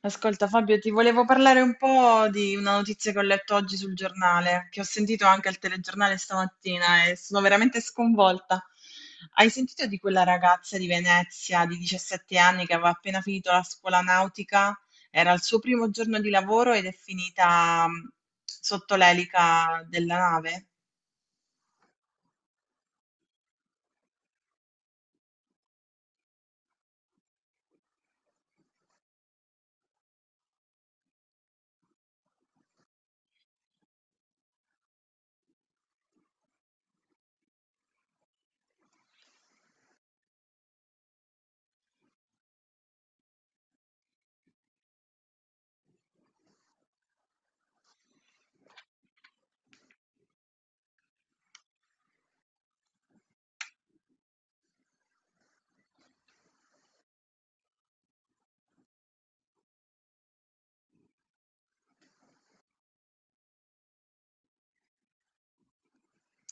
Ascolta Fabio, ti volevo parlare un po' di una notizia che ho letto oggi sul giornale, che ho sentito anche al telegiornale stamattina e sono veramente sconvolta. Hai sentito di quella ragazza di Venezia di 17 anni che aveva appena finito la scuola nautica? Era il suo primo giorno di lavoro ed è finita sotto l'elica della nave.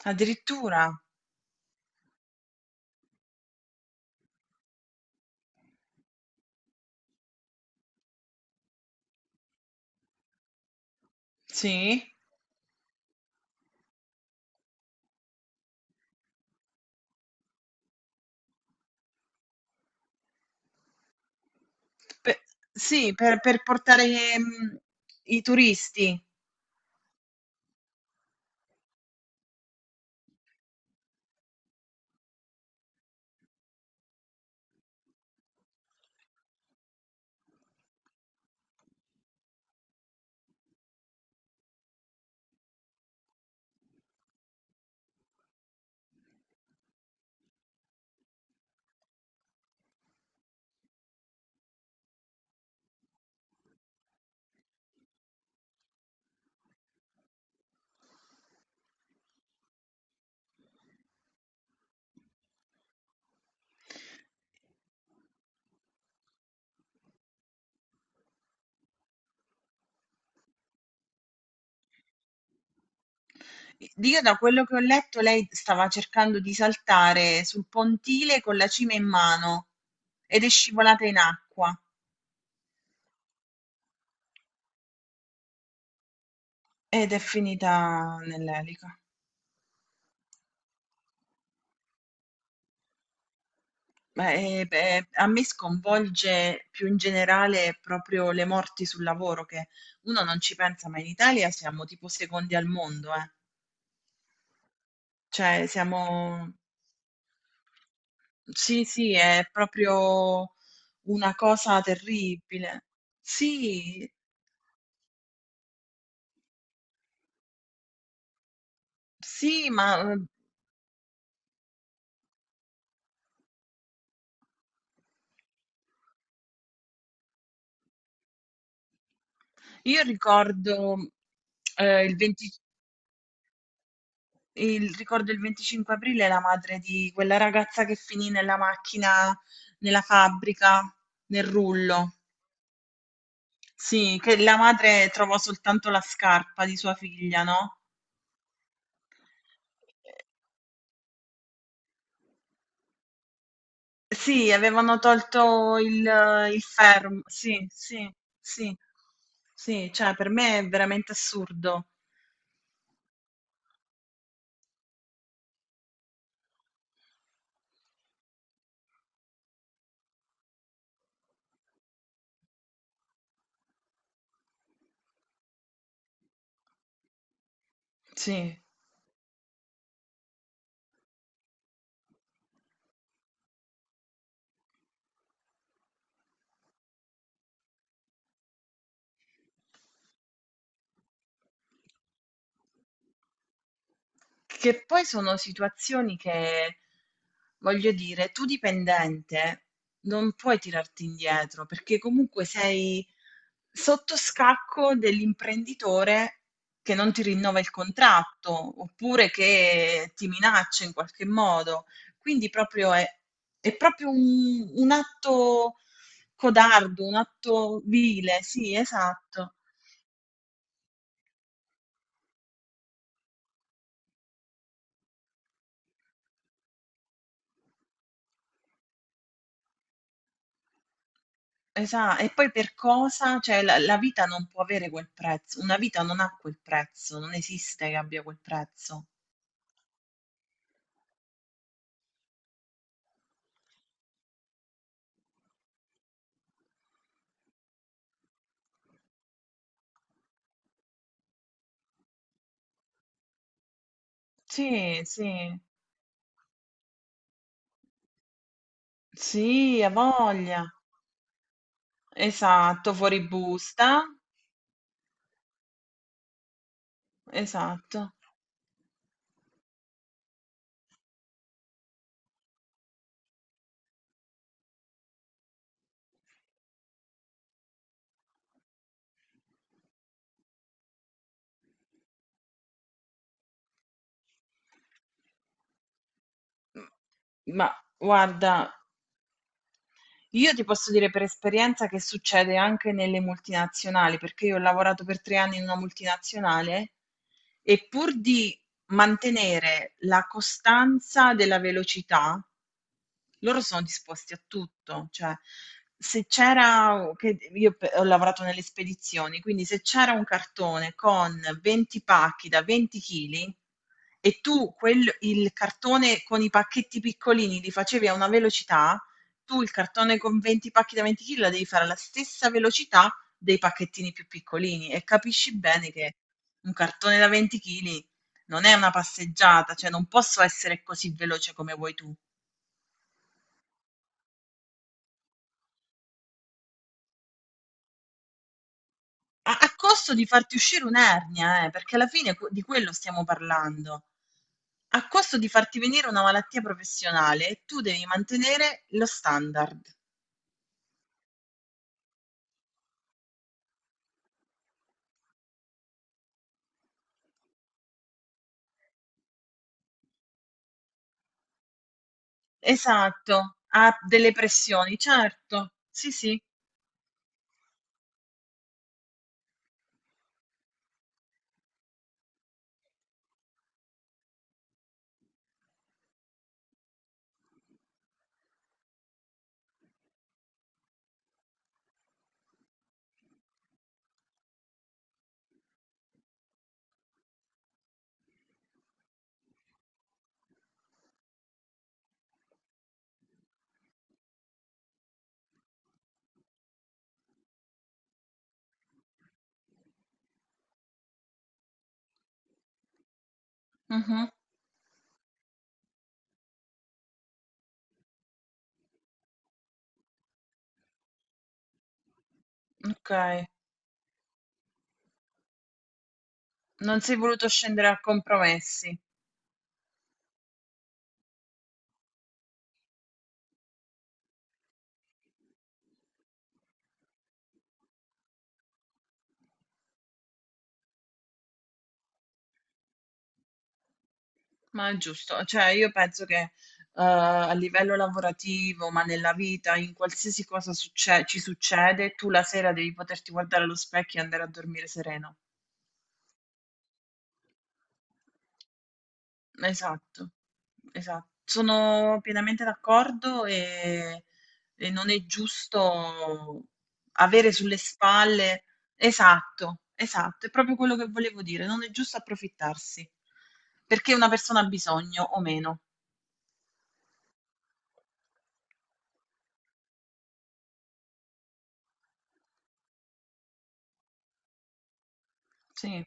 Addirittura, sì, Per- sì, per portare i turisti. Io da quello che ho letto, lei stava cercando di saltare sul pontile con la cima in mano ed è scivolata in acqua ed è finita nell'elica. Beh, a me sconvolge più in generale proprio le morti sul lavoro, che uno non ci pensa, ma in Italia siamo tipo secondi al mondo, eh. Cioè siamo... Sì, sì, è proprio una cosa terribile. Sì, sì, Io ricordo, il 20 ricordo il 25 aprile la madre di quella ragazza che finì nella macchina, nella fabbrica, nel rullo. Sì, che la madre trovò soltanto la scarpa di sua figlia, no? Eh, sì, avevano tolto il fermo. Sì, sì, sì, sì, cioè per me è veramente assurdo. Sì. Che poi sono situazioni che, voglio dire, tu dipendente non puoi tirarti indietro perché comunque sei sotto scacco dell'imprenditore che non ti rinnova il contratto oppure che ti minaccia in qualche modo. Quindi proprio è, è proprio un atto codardo, un atto vile, sì, esatto. Esa e poi per cosa? Cioè la vita non può avere quel prezzo, una vita non ha quel prezzo, non esiste che abbia quel prezzo. Sì, sì, sì, ha voglia. Esatto, fuori busta, esatto. Ma guarda, io ti posso dire per esperienza che succede anche nelle multinazionali, perché io ho lavorato per 3 anni in una multinazionale e pur di mantenere la costanza della velocità, loro sono disposti a tutto, cioè se c'era, che io ho lavorato nelle spedizioni, quindi se c'era un cartone con 20 pacchi da 20 kg e tu il cartone con i pacchetti piccolini li facevi a una velocità, tu il cartone con 20 pacchi da 20 chili la devi fare alla stessa velocità dei pacchettini più piccolini e capisci bene che un cartone da 20 chili non è una passeggiata, cioè non posso essere così veloce come vuoi tu. A, a costo di farti uscire un'ernia, perché alla fine di quello stiamo parlando. A costo di farti venire una malattia professionale e tu devi mantenere lo standard. Esatto, ha delle pressioni, certo. Sì, sì. Mhm. Ok. Non si è voluto scendere a compromessi, ma è giusto. Cioè, io penso che a livello lavorativo, ma nella vita, in qualsiasi cosa ci succede, tu la sera devi poterti guardare allo specchio e andare a dormire sereno. Esatto, esatto. Sono pienamente d'accordo e non è giusto avere sulle spalle. Esatto, esatto, è proprio quello che volevo dire. Non è giusto approfittarsi perché una persona ha bisogno o meno. Sì,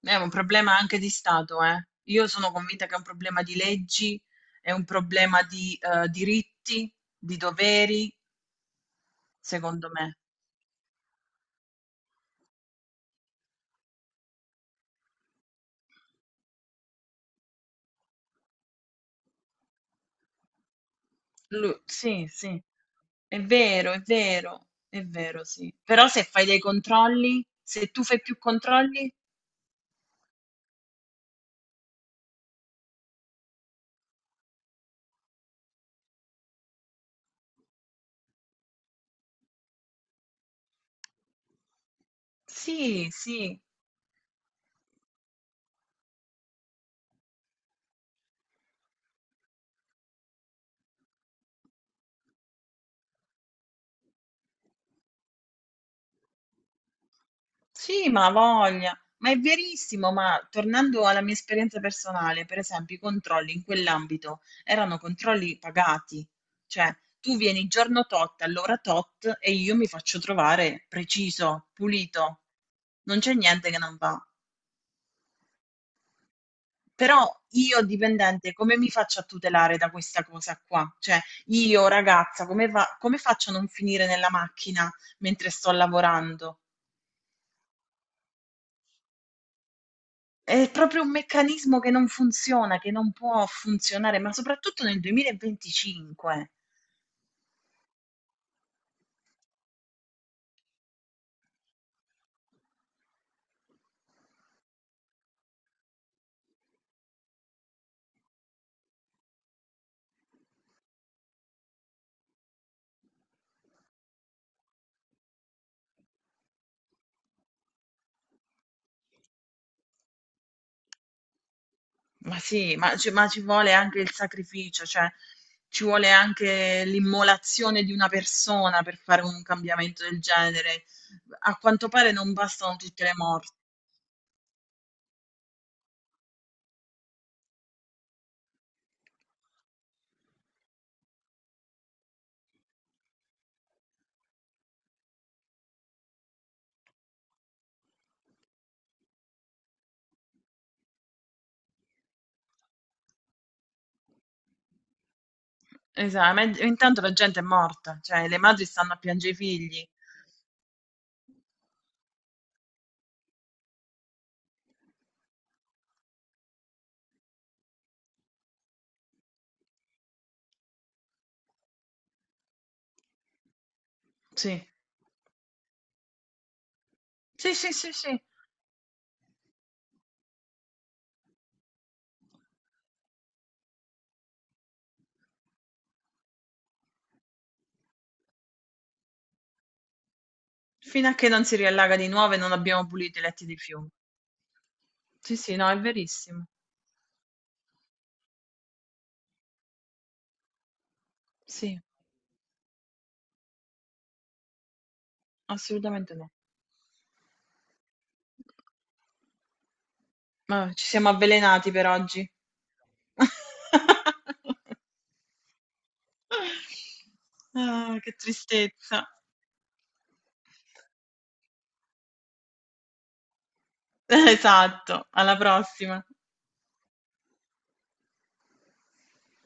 è un problema anche di Stato, eh. Io sono convinta che è un problema di leggi, è un problema di diritti, di doveri, secondo me. Sì, sì, è vero, è vero, è vero, sì. Però se fai dei controlli, se tu fai più controlli, sì, sì. Sì, ma ha voglia, ma è verissimo, ma tornando alla mia esperienza personale, per esempio, i controlli in quell'ambito erano controlli pagati, cioè tu vieni giorno tot, all'ora tot e io mi faccio trovare preciso, pulito, non c'è niente che non va. Però io dipendente, come mi faccio a tutelare da questa cosa qua? Cioè, io ragazza, come, come faccio a non finire nella macchina mentre sto lavorando? È proprio un meccanismo che non funziona, che non può funzionare, ma soprattutto nel 2025. Ma sì, ma ci vuole anche il sacrificio, cioè ci vuole anche l'immolazione di una persona per fare un cambiamento del genere. A quanto pare non bastano tutte le morti. Esatto, ma intanto la gente è morta, cioè le madri stanno a piangere i figli. Sì, sì, sì, sì, sì. Fino a che non si riallaga di nuovo e non abbiamo pulito i letti di fiume. Sì, sì, no, è verissimo. Sì. Assolutamente no. Ma ci siamo avvelenati per oggi. Ah, che tristezza. Esatto, alla prossima.